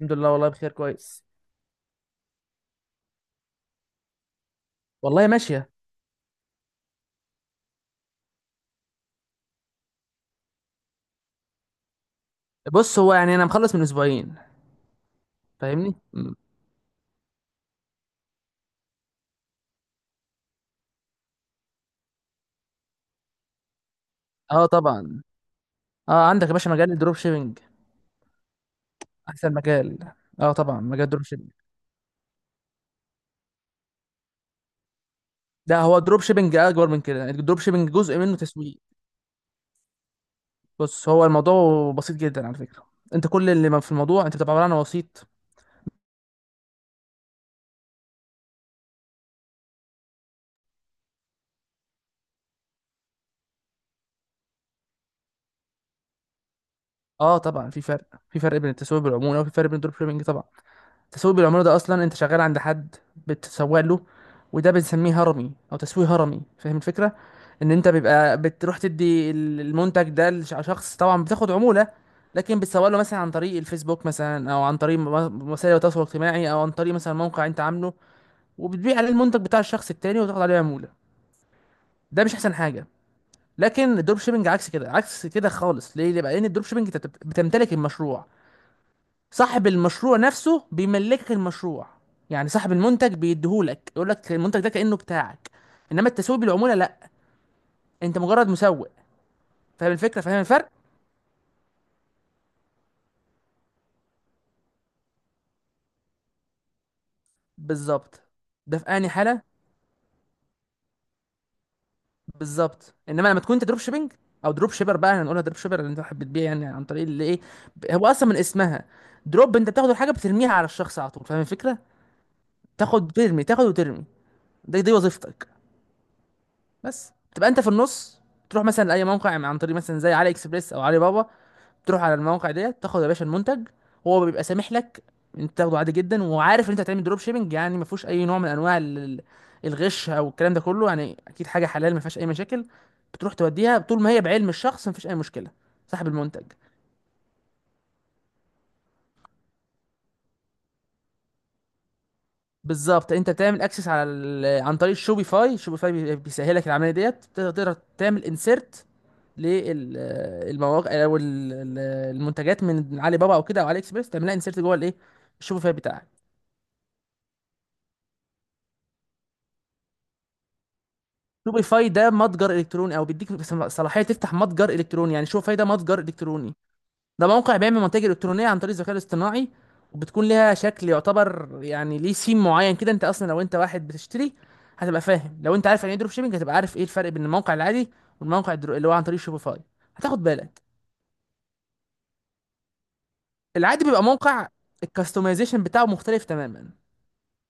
الحمد لله، والله بخير كويس. والله ماشية. بص، هو يعني انا مخلص من اسبوعين فاهمني مم. اه طبعا. اه، عندك يا باشا مجال الدروب شيبنج، احسن مجال. اه طبعا، مجال الدروب شيبنج. ده هو الدروب شيبنج اكبر من كده، الدروب شيبنج جزء منه تسويق. بص، هو الموضوع بسيط جدا على فكرة. انت كل اللي في الموضوع انت بتبقى عبارة عن وسيط. اه طبعا، في فرق، في فرق بين التسويق بالعمولة، وفي فرق بين الدروب شيبنج طبعا. تسويق بالعمولة ده أصلا أنت شغال عند حد، بتسوق له. وده بنسميه هرمي أو تسويق هرمي، فاهم الفكرة؟ إن أنت بيبقى بتروح تدي المنتج ده لشخص، طبعا بتاخد عمولة. لكن بتسوق له مثلا عن طريق الفيسبوك، مثلا أو عن طريق وسائل التواصل الاجتماعي، أو عن طريق مثلا موقع أنت عامله، وبتبيع عليه المنتج بتاع الشخص التاني، وتاخد عليه عمولة. ده مش أحسن حاجة. لكن الدروب شيبنج عكس كده، عكس كده خالص. ليه؟ ليه بقى؟ لأن الدروب شيبنج أنت بتمتلك المشروع. صاحب المشروع نفسه بيملكك المشروع. يعني صاحب المنتج بيديهولك، يقول لك المنتج ده كأنه بتاعك. انما التسويق بالعمولة لا، انت مجرد مسوق. فاهم الفكرة، فاهم الفرق. بالظبط. ده في انهي حالة. بالظبط. انما لما تكون انت دروب شيبنج، او دروب شيبر بقى، احنا هنقولها دروب شيبر، اللي انت حابب تبيع يعني عن طريق اللي ايه. هو اصلا من اسمها دروب، انت بتاخد الحاجة بترميها على الشخص على طول، فاهم الفكرة. تاخد وترمي، تاخد وترمي، دي وظيفتك. بس تبقى انت في النص. تروح مثلا لاي موقع عن طريق مثلا زي علي اكسبريس او علي بابا. تروح على المواقع ديت، تاخد يا باشا المنتج. هو بيبقى سامح لك، انت تاخده عادي جدا، وعارف ان انت هتعمل دروب شيبنج. يعني ما فيهوش اي نوع من انواع الغش او الكلام ده كله. يعني اكيد حاجه حلال ما فيهاش اي مشاكل. بتروح توديها طول ما هي بعلم الشخص، ما فيش اي مشكله، صاحب المنتج. بالظبط. انت بتعمل اكسس على عن طريق شوبيفاي. شوبيفاي بيسهلك العمليه ديت، تقدر تعمل انسيرت للمواقع، او ال- المنتجات من علي بابا او كده، او علي اكسبريس، تعملها انسيرت جوه الايه، الشوبيفاي بتاعك. شوبيفاي ده متجر الكتروني، او بيديك صلاحيه تفتح متجر الكتروني. يعني شوبيفاي ده متجر الكتروني. ده موقع بيعمل منتج الكترونيه عن طريق الذكاء الاصطناعي، وبتكون ليها شكل يعتبر يعني ليه سيم معين كده. انت اصلا لو انت واحد بتشتري هتبقى فاهم. لو انت عارف يعني ايه دروب شيبنج هتبقى عارف ايه الفرق بين الموقع العادي، والموقع اللي هو عن طريق شوبيفاي، هتاخد بالك. العادي بيبقى موقع، الكاستمايزيشن بتاعه مختلف تماما،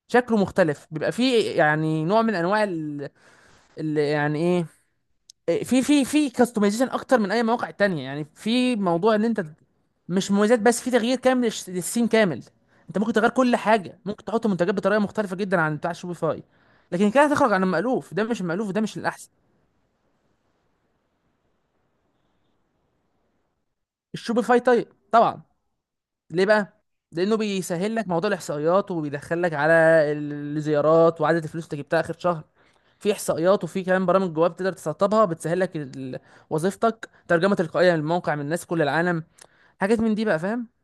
شكله مختلف، بيبقى فيه يعني نوع من انواع يعني ايه، في كاستمايزيشن اكتر من اي مواقع تانية. يعني في موضوع ان انت مش مميزات بس، في تغيير كامل للسيم كامل. انت ممكن تغير كل حاجه، ممكن تحط منتجات بطريقه مختلفه جدا عن بتاع شوبيفاي. لكن كده هتخرج عن المألوف، ده مش المألوف، وده مش الاحسن. الشوبيفاي طيب طبعا. ليه بقى؟ لانه بيسهل لك موضوع الاحصائيات، وبيدخلك على الزيارات، وعدد الفلوس اللي جبتها اخر شهر. في احصائيات، وفي كمان برامج جواب تقدر تسطبها بتسهل لك وظيفتك، ترجمه تلقائيه للموقع من الناس في كل العالم، حاجات من دي بقى، فاهم.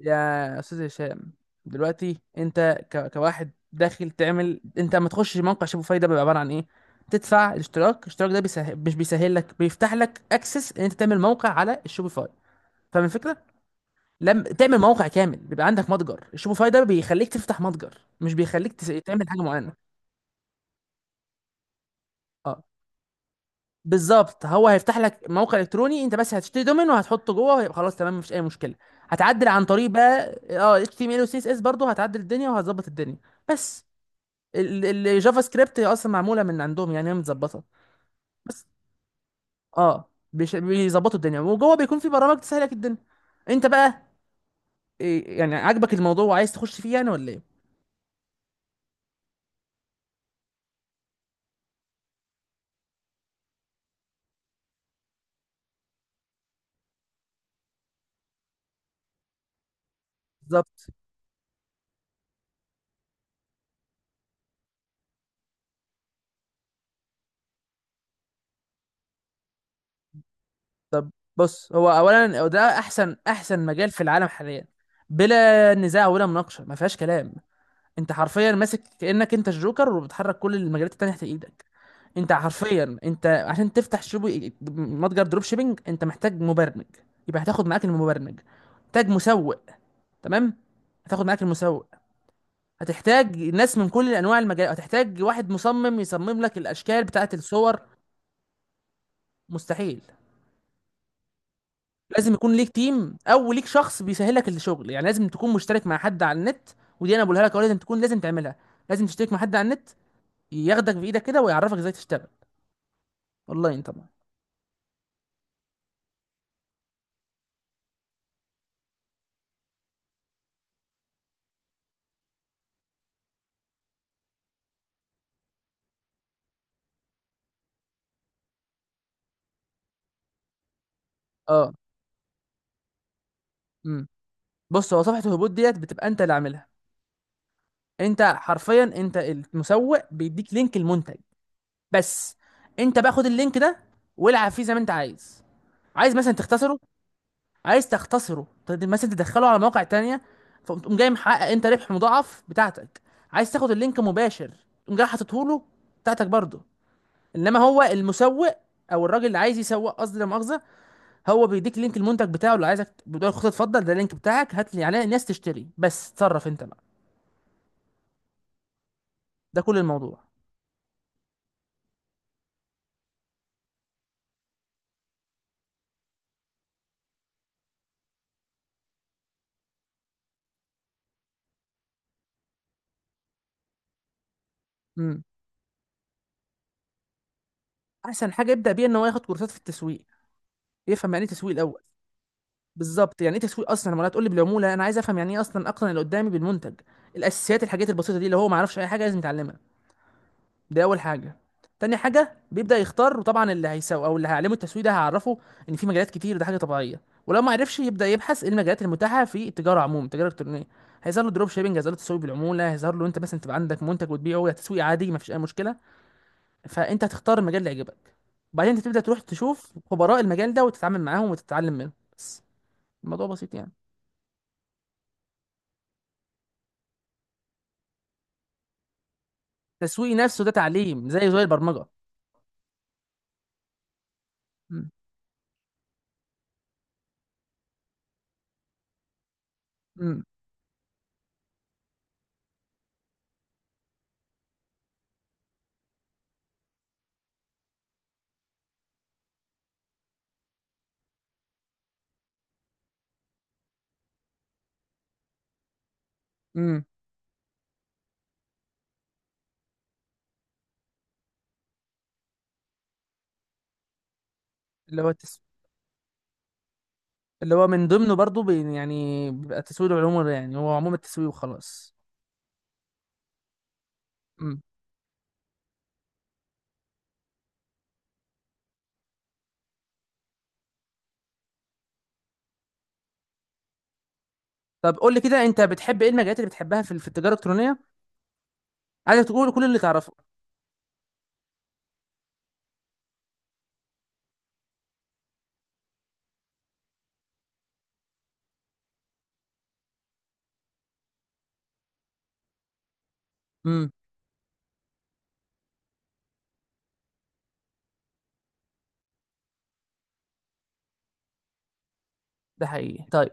يا استاذ هشام، دلوقتي انت كواحد داخل تعمل، انت لما تخش موقع شبه فايده بيبقى عباره عن ايه؟ تدفع الاشتراك. الاشتراك ده مش بيسهل لك، بيفتح لك اكسس ان انت تعمل موقع على الشوبيفاي، فاهم الفكره. لما تعمل موقع كامل بيبقى عندك متجر. الشوبيفاي ده بيخليك تفتح متجر، مش بيخليك تعمل حاجه معينه. اه بالظبط، هو هيفتح لك موقع الكتروني، انت بس هتشتري دومين وهتحطه جوه، ويبقى خلاص تمام، مفيش اي مشكله. هتعدل عن طريق بقى HTML و CSS، برضه هتعدل الدنيا وهتظبط الدنيا. بس الجافا سكريبت اصلا معموله من عندهم، يعني هي متظبطه. بس اه بيظبطوا الدنيا، وجوه بيكون في برامج تسهل لك الدنيا. انت بقى إيه يعني، عاجبك الموضوع وعايز تخش فيه يعني ولا ايه؟ بالظبط. طب بص، هو اولا ده احسن احسن مجال في العالم حاليا، بلا نزاع ولا مناقشه، ما فيهاش كلام. انت حرفيا ماسك كانك انت الجوكر، وبتحرك كل المجالات التانية تحت ايدك. انت حرفيا، انت عشان تفتح شوبي متجر دروب شيبينج انت محتاج مبرمج، يبقى هتاخد معاك المبرمج. محتاج مسوق، تمام، هتاخد معاك المسوق. هتحتاج ناس من كل انواع المجال، هتحتاج واحد مصمم يصمم لك الاشكال بتاعه الصور. مستحيل. لازم يكون ليك تيم، او ليك شخص بيسهلك الشغل. يعني لازم تكون مشترك مع حد على النت، ودي انا بقولها لك أهو، لازم تعملها، لازم تشترك مع حد على النت، ياخدك بايدك كده ويعرفك ازاي تشتغل اونلاين طبعا. اه. امم بص، هو صفحه الهبوط ديت بتبقى انت اللي عاملها. انت حرفيا، انت المسوق بيديك لينك المنتج، بس انت بقى خد اللينك ده والعب فيه زي ما انت عايز. عايز مثلا تختصره؟ عايز تختصره مثلا تدخله على مواقع تانية، فتقوم جاي محقق انت ربح مضاعف بتاعتك. عايز تاخد اللينك مباشر، تقوم جاي حاططه له بتاعتك برضه. انما هو المسوق، او الراجل اللي عايز يسوق، قصدي لا مؤاخذه، هو بيديك لينك المنتج بتاعه، اللي عايزك بتقول له خد اتفضل، ده اللينك بتاعك، هات لي يعني الناس تشتري، بس اتصرف انت بقى. ده كل الموضوع. امم احسن حاجه يبدا بيها ان هو ياخد كورسات في التسويق، يفهم يعني ايه تسويق الاول. بالظبط، يعني ايه تسويق اصلا، لما تقول لي بالعموله انا عايز افهم يعني ايه اصلا، اقنع اللي قدامي بالمنتج. الاساسيات، الحاجات البسيطه دي اللي هو ما يعرفش اي حاجه لازم يتعلمها، دي اول حاجه. تاني حاجه بيبدا يختار، وطبعا اللي هيسوق او اللي هيعلمه التسويق ده هيعرفه ان في مجالات كتير، ده حاجه طبيعيه. ولو ما عرفش يبدا يبحث ايه المجالات المتاحه في التجاره عموما، التجاره الالكترونيه، هيظهر له دروب شيبنج، هيظهر له تسويق بالعموله، هيظهر له انت مثلا تبقى عندك منتج وتبيعه، يا تسويق عادي، ما فيش اي مشكله. فانت هتختار المجال اللي يعجبك. بعدين انت تبدا تروح تشوف خبراء المجال ده وتتعامل معاهم وتتعلم منهم. بس. الموضوع بسيط يعني. التسويق نفسه ده تعليم زي البرمجه. م- م- م. اللي هو التس... اللي هو من ضمنه برضو يعني بيبقى تسويق العموم، يعني هو عموم التسويق وخلاص. م. طب قول لي كده، انت بتحب ايه المجالات اللي بتحبها في التجاره الالكترونيه؟ عايزك تقول كل اللي تعرفه. مم. ده حقيقي طيب.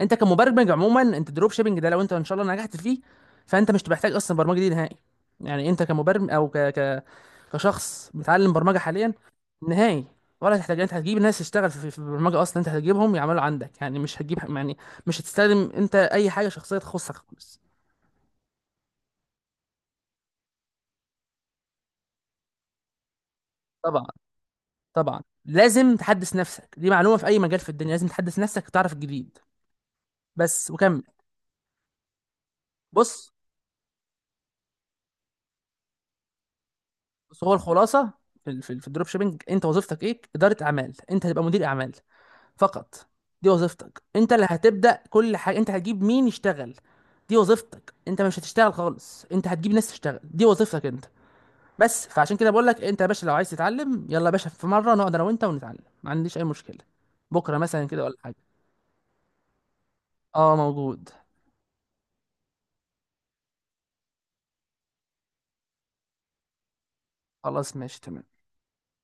انت كمبرمج عموما، انت دروب شيبنج ده لو انت ان شاء الله نجحت فيه فانت مش محتاج اصلا برمجه دي نهائي. يعني انت كمبرمج او كشخص بيتعلم برمجه حاليا، نهائي ولا تحتاج. انت هتجيب ناس تشتغل في البرمجه اصلا، انت هتجيبهم يعملوا عندك. يعني مش هتجيب، يعني مش هتستخدم انت اي حاجه شخصيه تخصك خالص. طبعا، طبعا لازم تحدث نفسك، دي معلومه في اي مجال في الدنيا، لازم تحدث نفسك تعرف الجديد، بس وكمل. بص، بس هو الخلاصه في الدروب شيبنج انت وظيفتك ايه؟ اداره اعمال، انت هتبقى مدير اعمال فقط. دي وظيفتك، انت اللي هتبدا كل حاجه، انت هتجيب مين يشتغل. دي وظيفتك، انت مش هتشتغل خالص، انت هتجيب ناس تشتغل، دي وظيفتك انت. بس، فعشان كده بقول لك انت يا باشا، لو عايز تتعلم يلا يا باشا في مره نقعد انا وانت ونتعلم، ما عنديش اي مشكله، بكره مثلا كده ولا حاجه. اه موجود. خلاص ماشي تمام.